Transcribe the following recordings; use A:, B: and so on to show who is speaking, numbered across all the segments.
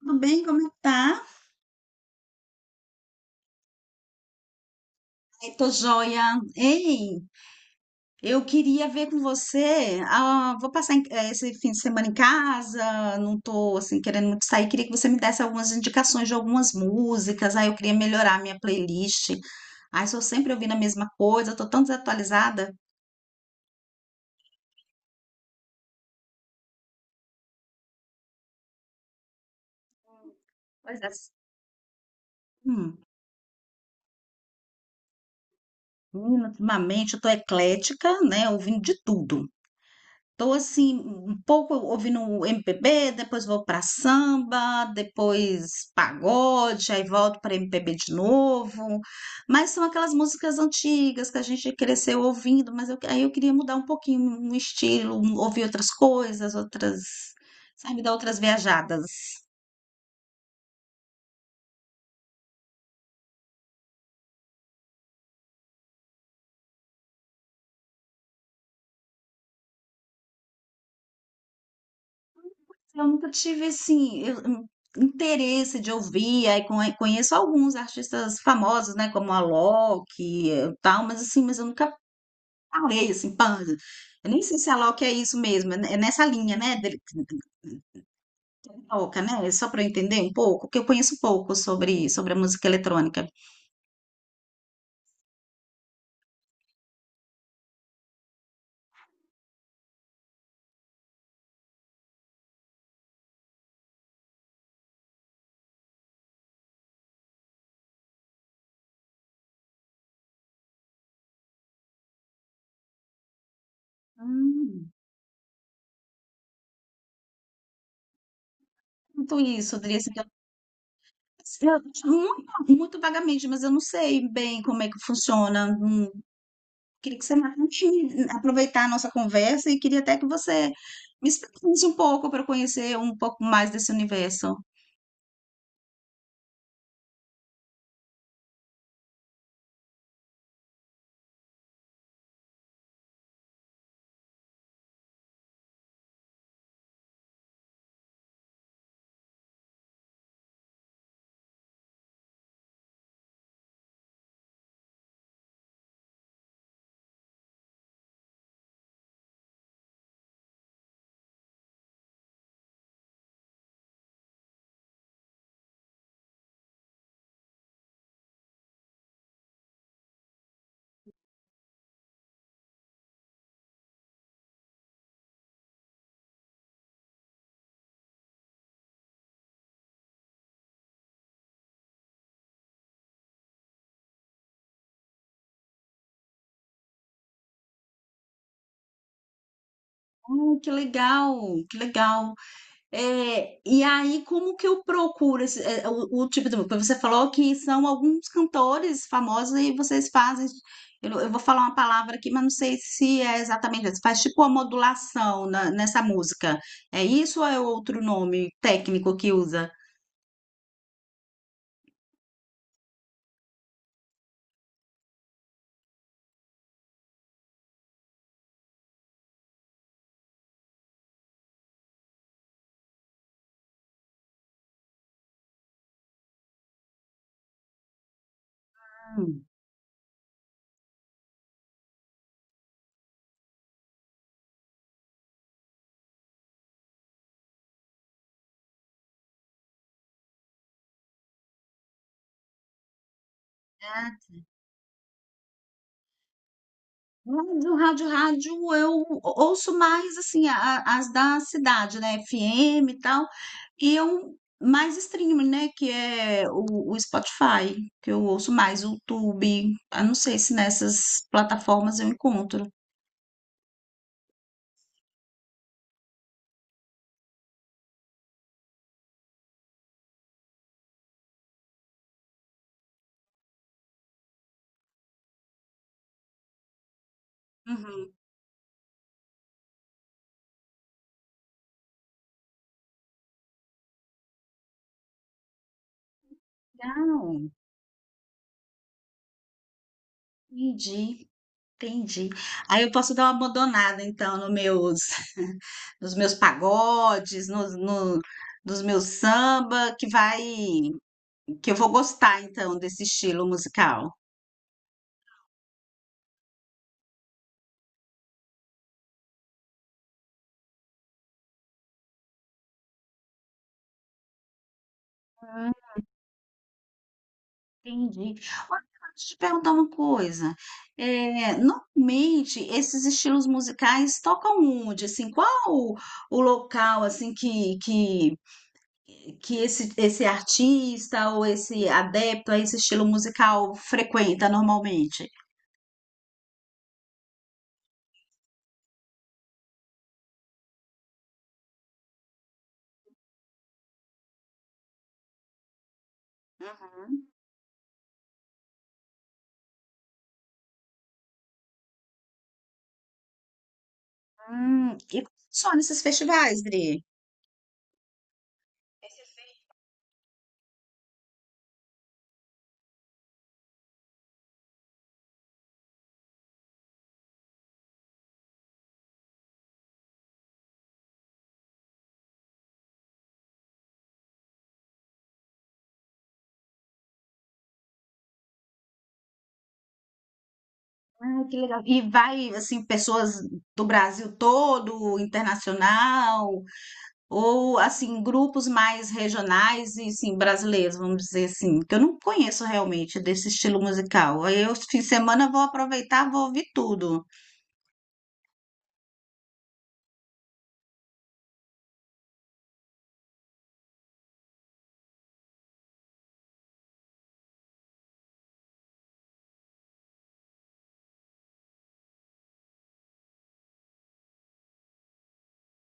A: Tudo bem? Como é que tá? Ai, tô joia. Ei, eu queria ver com você. Ah, vou passar esse fim de semana em casa, não tô assim querendo muito sair. Queria que você me desse algumas indicações de algumas músicas. Aí eu queria melhorar a minha playlist. Ai, sou sempre ouvindo a mesma coisa, tô tão desatualizada. Pois é. Hum, Menina, ultimamente eu tô eclética, né? Ouvindo de tudo. Tô assim, um pouco ouvindo um MPB, depois vou pra samba, depois pagode, aí volto pra MPB de novo. Mas são aquelas músicas antigas que a gente cresceu ouvindo, mas eu queria mudar um pouquinho um estilo, ouvir outras coisas, outras, sabe, dar outras viajadas. Eu nunca tive assim, um interesse de ouvir, aí conheço alguns artistas famosos, né, como a Alok e tal, mas assim, mas eu nunca falei assim, panda. Eu nem sei se a Loki é isso mesmo, é nessa linha, né? Toca, né? Só para eu entender um pouco, porque eu conheço pouco sobre a música eletrônica. Hum, Muito isso, Adri, assim, eu- muito, muito vagamente, mas eu não sei bem como é que funciona. Queria que você me- Aproveitar a nossa conversa e queria até que você me explicasse um pouco para eu conhecer um pouco mais desse universo. Oh, que legal, que legal. É, e aí, como que eu procuro o tipo de. Você falou que são alguns cantores famosos e vocês fazem. Eu vou falar uma palavra aqui, mas não sei se é exatamente essa. Faz tipo uma modulação nessa música. É isso ou é outro nome técnico que usa? Hum. Rádio, eu ouço mais assim as da cidade, né? FM e tal, e eu mais streaming, né? Que é o Spotify, que eu ouço mais, o YouTube. Eu não sei se nessas plataformas eu encontro. Uhum. Não, entendi, entendi. Aí eu posso dar uma abandonada, então, nos meus, nos meus pagodes, nos, no, nos meus samba, que eu vou gostar, então, desse estilo musical. Entendi. Olha, deixa eu te perguntar uma coisa. Eh, normalmente esses estilos musicais tocam onde? Assim, o local assim que esse artista ou esse adepto a esse estilo musical frequenta normalmente? E só nesses festivais, Dri? Ah, que legal. E vai assim pessoas do Brasil todo, internacional? Ou, assim, grupos mais regionais e, assim, brasileiros, vamos dizer assim, que eu não conheço realmente desse estilo musical. Aí eu, fim de semana, vou aproveitar, vou ouvir tudo.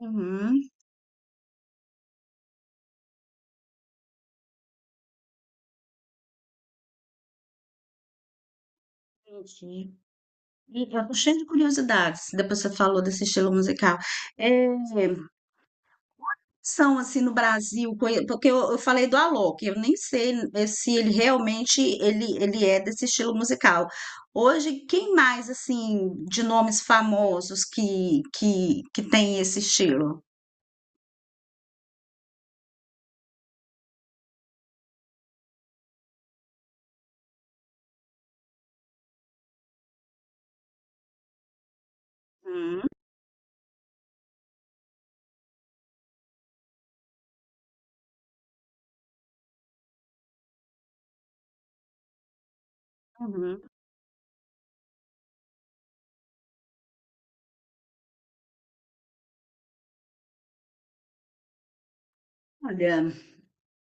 A: Uhum. Entendi. E eu tô cheia de curiosidades, depois você falou desse estilo musical. É, são assim no Brasil, porque eu falei do Alok, eu nem sei se ele realmente ele é desse estilo musical. Hoje, quem mais assim de nomes famosos que tem esse estilo? Hum, uhum. Olha,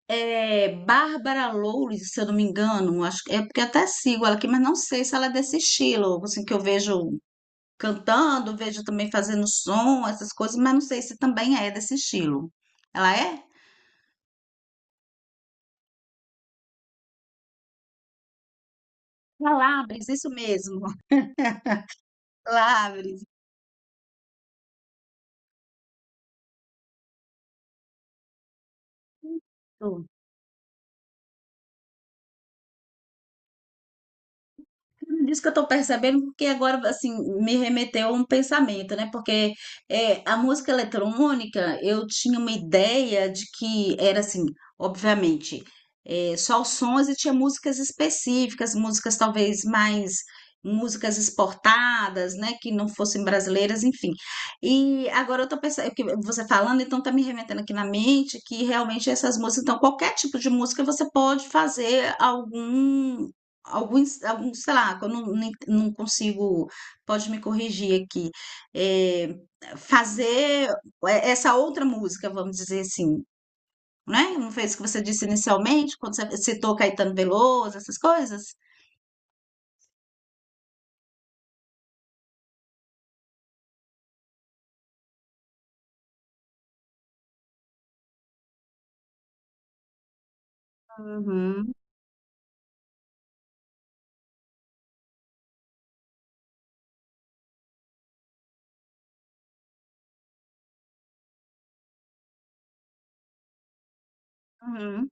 A: é Bárbara Loures, se eu não me engano, acho que é porque eu até sigo ela aqui, mas não sei se ela é desse estilo, assim que eu vejo cantando, vejo também fazendo som, essas coisas, mas não sei se também é desse estilo. Ela é? Palavras, isso mesmo. Palavras. Disso que eu tô percebendo, porque agora, assim, me remeteu a um pensamento, né? Porque é, a música eletrônica, eu tinha uma ideia de que era, assim, obviamente, é, só os sons e tinha músicas específicas, músicas talvez mais, músicas exportadas, né? Que não fossem brasileiras, enfim. E agora eu tô pensando, que você falando, então tá me remetendo aqui na mente que realmente essas músicas, então qualquer tipo de música você pode fazer algum. Alguns, sei lá, que eu não consigo, pode me corrigir aqui, eh, fazer eh, essa outra música, vamos dizer assim, né? Não foi isso que você disse inicialmente, quando você citou Caetano Veloso, essas coisas? Uhum, uhum.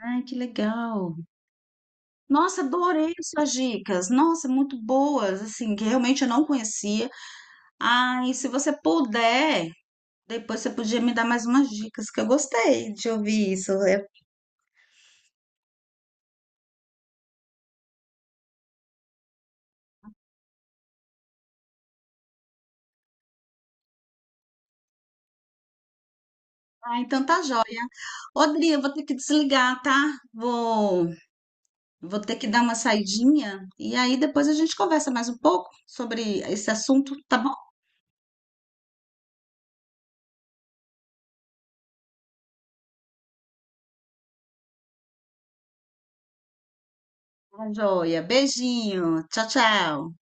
A: Ai, que legal. Nossa, adorei suas dicas. Nossa, muito boas, assim, que realmente eu não conhecia. Ai, se você puder, depois você podia me dar mais umas dicas, que eu gostei de ouvir isso. É- Ah, então tá joia. Odri, eu vou ter que desligar, tá? Vou, vou ter que dar uma saidinha e aí depois a gente conversa mais um pouco sobre esse assunto, tá bom? Tá joia, beijinho, tchau, tchau.